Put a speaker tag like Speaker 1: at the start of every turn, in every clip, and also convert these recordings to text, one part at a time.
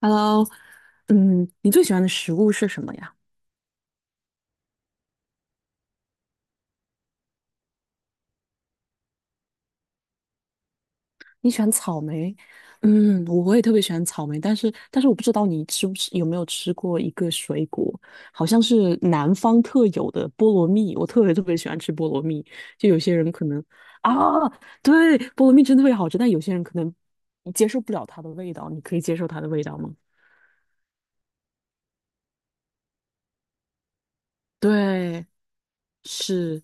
Speaker 1: Hello，你最喜欢的食物是什么呀？你喜欢草莓？我也特别喜欢草莓，但是我不知道你吃不吃，有没有吃过一个水果，好像是南方特有的菠萝蜜，我特别特别喜欢吃菠萝蜜。就有些人可能啊，对，菠萝蜜真的特别好吃，但有些人可能你接受不了它的味道，你可以接受它的味道吗？对，是。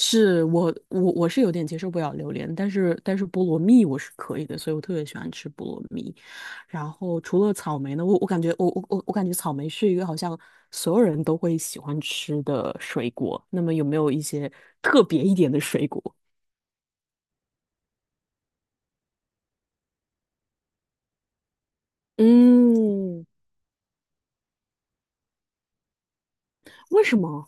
Speaker 1: 是我是有点接受不了榴莲，但是菠萝蜜我是可以的，所以我特别喜欢吃菠萝蜜。然后除了草莓呢，我感觉草莓是一个好像所有人都会喜欢吃的水果。那么有没有一些特别一点的水果？嗯，为什么？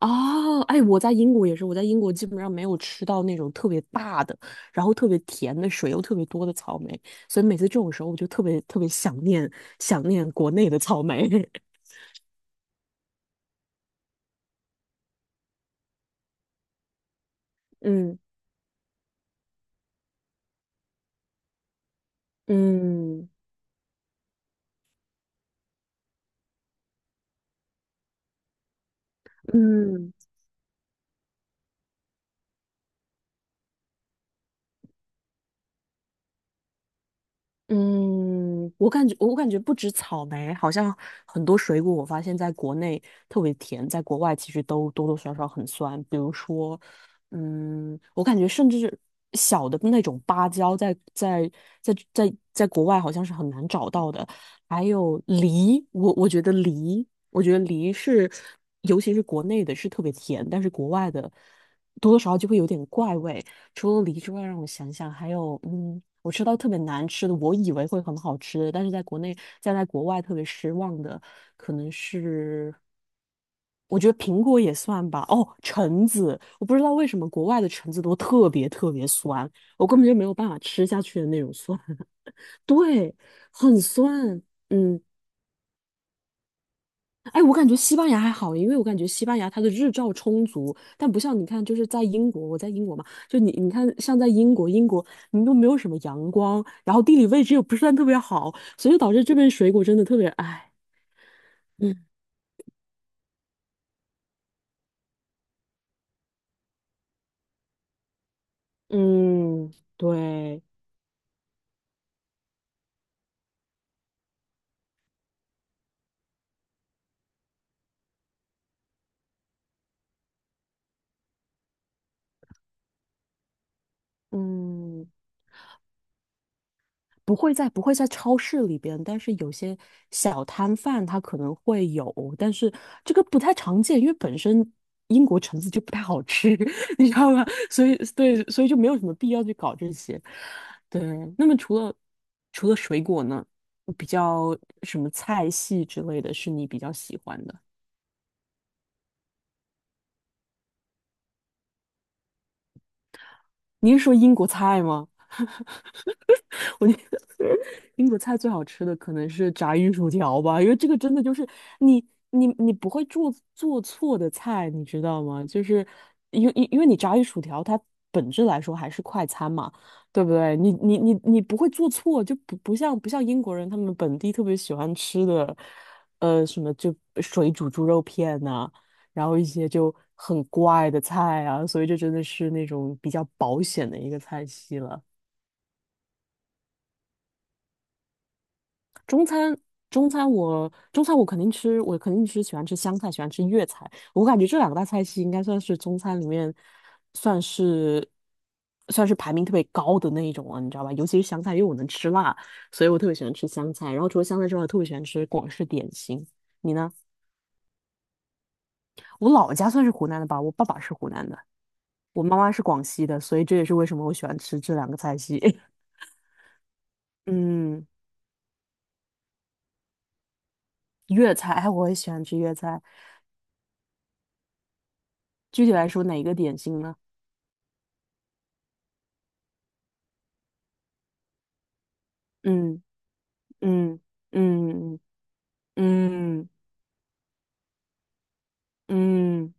Speaker 1: 哦，哎，我在英国也是，我在英国基本上没有吃到那种特别大的，然后特别甜的水又特别多的草莓，所以每次这种时候我就特别特别想念国内的草莓。嗯嗯嗯。嗯，我感觉不止草莓，好像很多水果，我发现在国内特别甜，在国外其实都多多少少很酸。比如说，我感觉甚至小的那种芭蕉在国外好像是很难找到的。还有梨，我觉得梨，我觉得梨是，尤其是国内的是特别甜，但是国外的多多少少就会有点怪味。除了梨之外，让我想想，还有，我吃到特别难吃的，我以为会很好吃的，但是在国内，在国外特别失望的，可能是我觉得苹果也算吧。哦，橙子，我不知道为什么国外的橙子都特别特别酸，我根本就没有办法吃下去的那种酸。对，很酸。嗯，哎，我感觉西班牙还好，因为我感觉西班牙它的日照充足，但不像你看，就是在英国，我在英国嘛，就你看，像在英国，英国你都没有什么阳光，然后地理位置又不算特别好，所以就导致这边水果真的特别，哎，嗯，嗯，对，嗯，不会在超市里边，但是有些小摊贩它可能会有，但是这个不太常见，因为本身英国橙子就不太好吃，你知道吗？所以对，所以就没有什么必要去搞这些。对，那么除了水果呢，比较什么菜系之类的是你比较喜欢的？你是说英国菜吗？我觉得 英国菜最好吃的可能是炸鱼薯条吧，因为这个真的就是你你不会做错的菜，你知道吗？就是因为你炸鱼薯条它本质来说还是快餐嘛，对不对？你不会做错，就不像英国人他们本地特别喜欢吃的，什么就水煮猪肉片呐、然后一些就很怪的菜啊，所以这真的是那种比较保险的一个菜系了。中餐，中餐我中餐我肯定吃，我肯定吃喜欢吃湘菜，喜欢吃粤菜。我感觉这两个大菜系应该算是中餐里面算是算是排名特别高的那一种了，你知道吧？尤其是湘菜，因为我能吃辣，所以我特别喜欢吃湘菜。然后除了湘菜之外，我特别喜欢吃广式点心。你呢？我老家算是湖南的吧，我爸爸是湖南的，我妈妈是广西的，所以这也是为什么我喜欢吃这两个菜系。嗯，粤菜，哎，我也喜欢吃粤菜。具体来说，哪一个点心呢？嗯。嗯嗯嗯嗯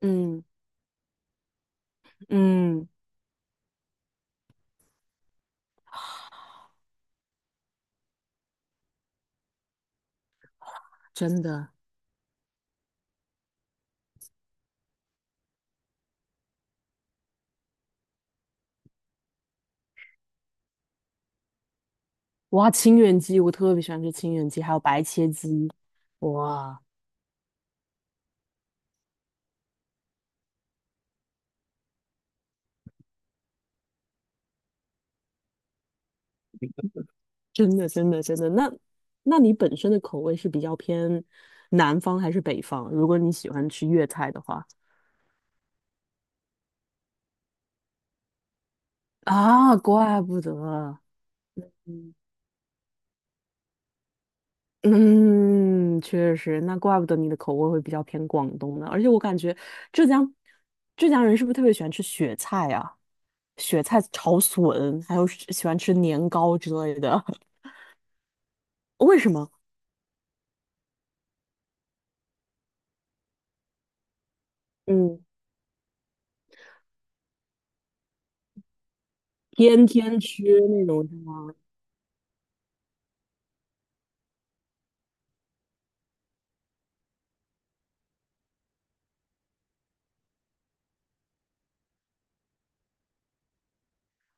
Speaker 1: 嗯嗯，真的，哇，清远鸡，我特别喜欢吃清远鸡，还有白切鸡，哇，真的真的真的，那你本身的口味是比较偏南方还是北方？如果你喜欢吃粤菜的话，啊，怪不得。嗯，确实，那怪不得你的口味会比较偏广东呢。而且我感觉浙江浙江人是不是特别喜欢吃雪菜啊？雪菜炒笋，还有喜欢吃年糕之类的。为什么？嗯，天天吃那种是吗？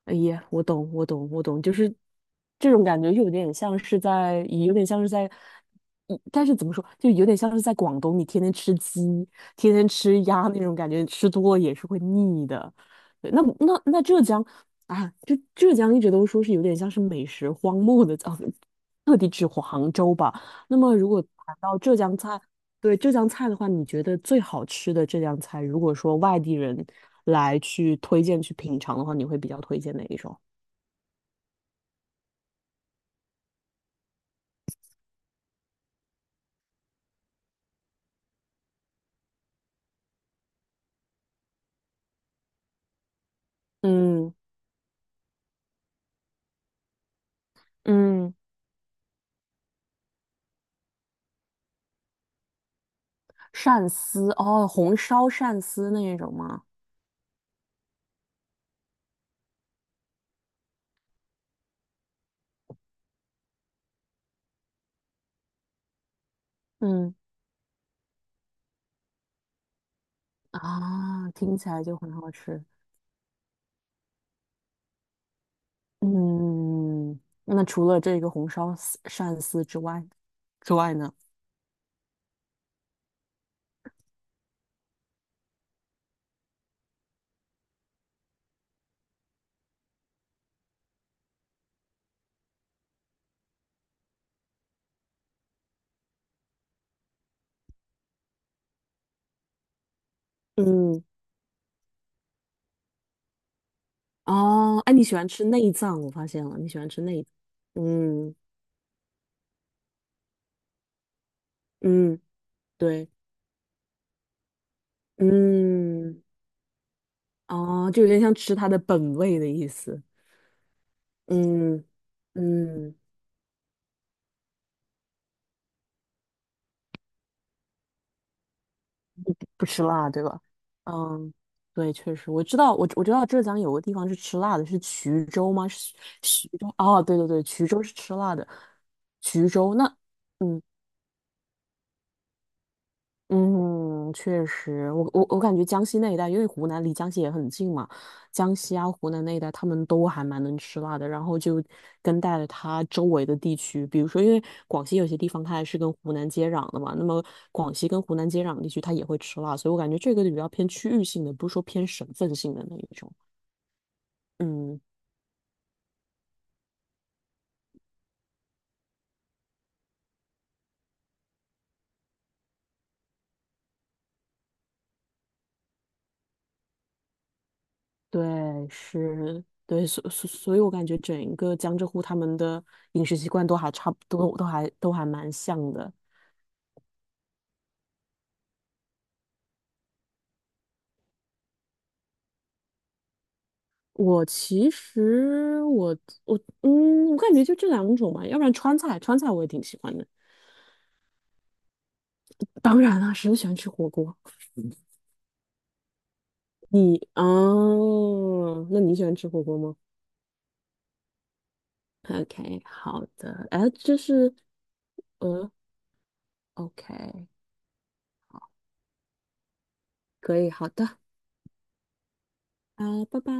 Speaker 1: 哎呀，我懂，我懂，我懂，就是这种感觉，又有点像是在，有点像是在，但是怎么说，就有点像是在广东，你天天吃鸡，天天吃鸭那种感觉，吃多了也是会腻的。对，那浙江啊，就浙江一直都说是有点像是美食荒漠的，哦，特地指杭州吧。那么如果谈到浙江菜，对浙江菜的话，你觉得最好吃的浙江菜，如果说外地人来去推荐去品尝的话，你会比较推荐哪一种？嗯嗯，鳝丝哦，红烧鳝丝那一种吗？嗯啊，听起来就很好吃。嗯，那除了这个红烧丝鳝丝之外呢？嗯哦，哎，你喜欢吃内脏，我发现了，你喜欢吃内，嗯嗯，对，嗯。哦，就有点像吃它的本味的意思。嗯嗯，不吃辣，对吧？嗯，对，确实，我知道，我知道浙江有个地方是吃辣的，是衢州吗？是徐州？哦，对对对，衢州是吃辣的。衢州那，嗯，嗯，确实，我感觉江西那一带，因为湖南离江西也很近嘛，江西啊、湖南那一带，他们都还蛮能吃辣的。然后就跟带了它周围的地区，比如说，因为广西有些地方它还是跟湖南接壤的嘛，那么广西跟湖南接壤的地区它也会吃辣，所以我感觉这个比较偏区域性的，不是说偏省份性的那一种。嗯，对，是，对，所以，我感觉整个江浙沪他们的饮食习惯都还差不多，都还蛮像的。我其实我感觉就这两种吧，要不然川菜，川菜我也挺喜欢的。当然了，谁不喜欢吃火锅？那你喜欢吃火锅吗？OK，好的，哎，这是呃，OK，可以，好的，啊，拜拜。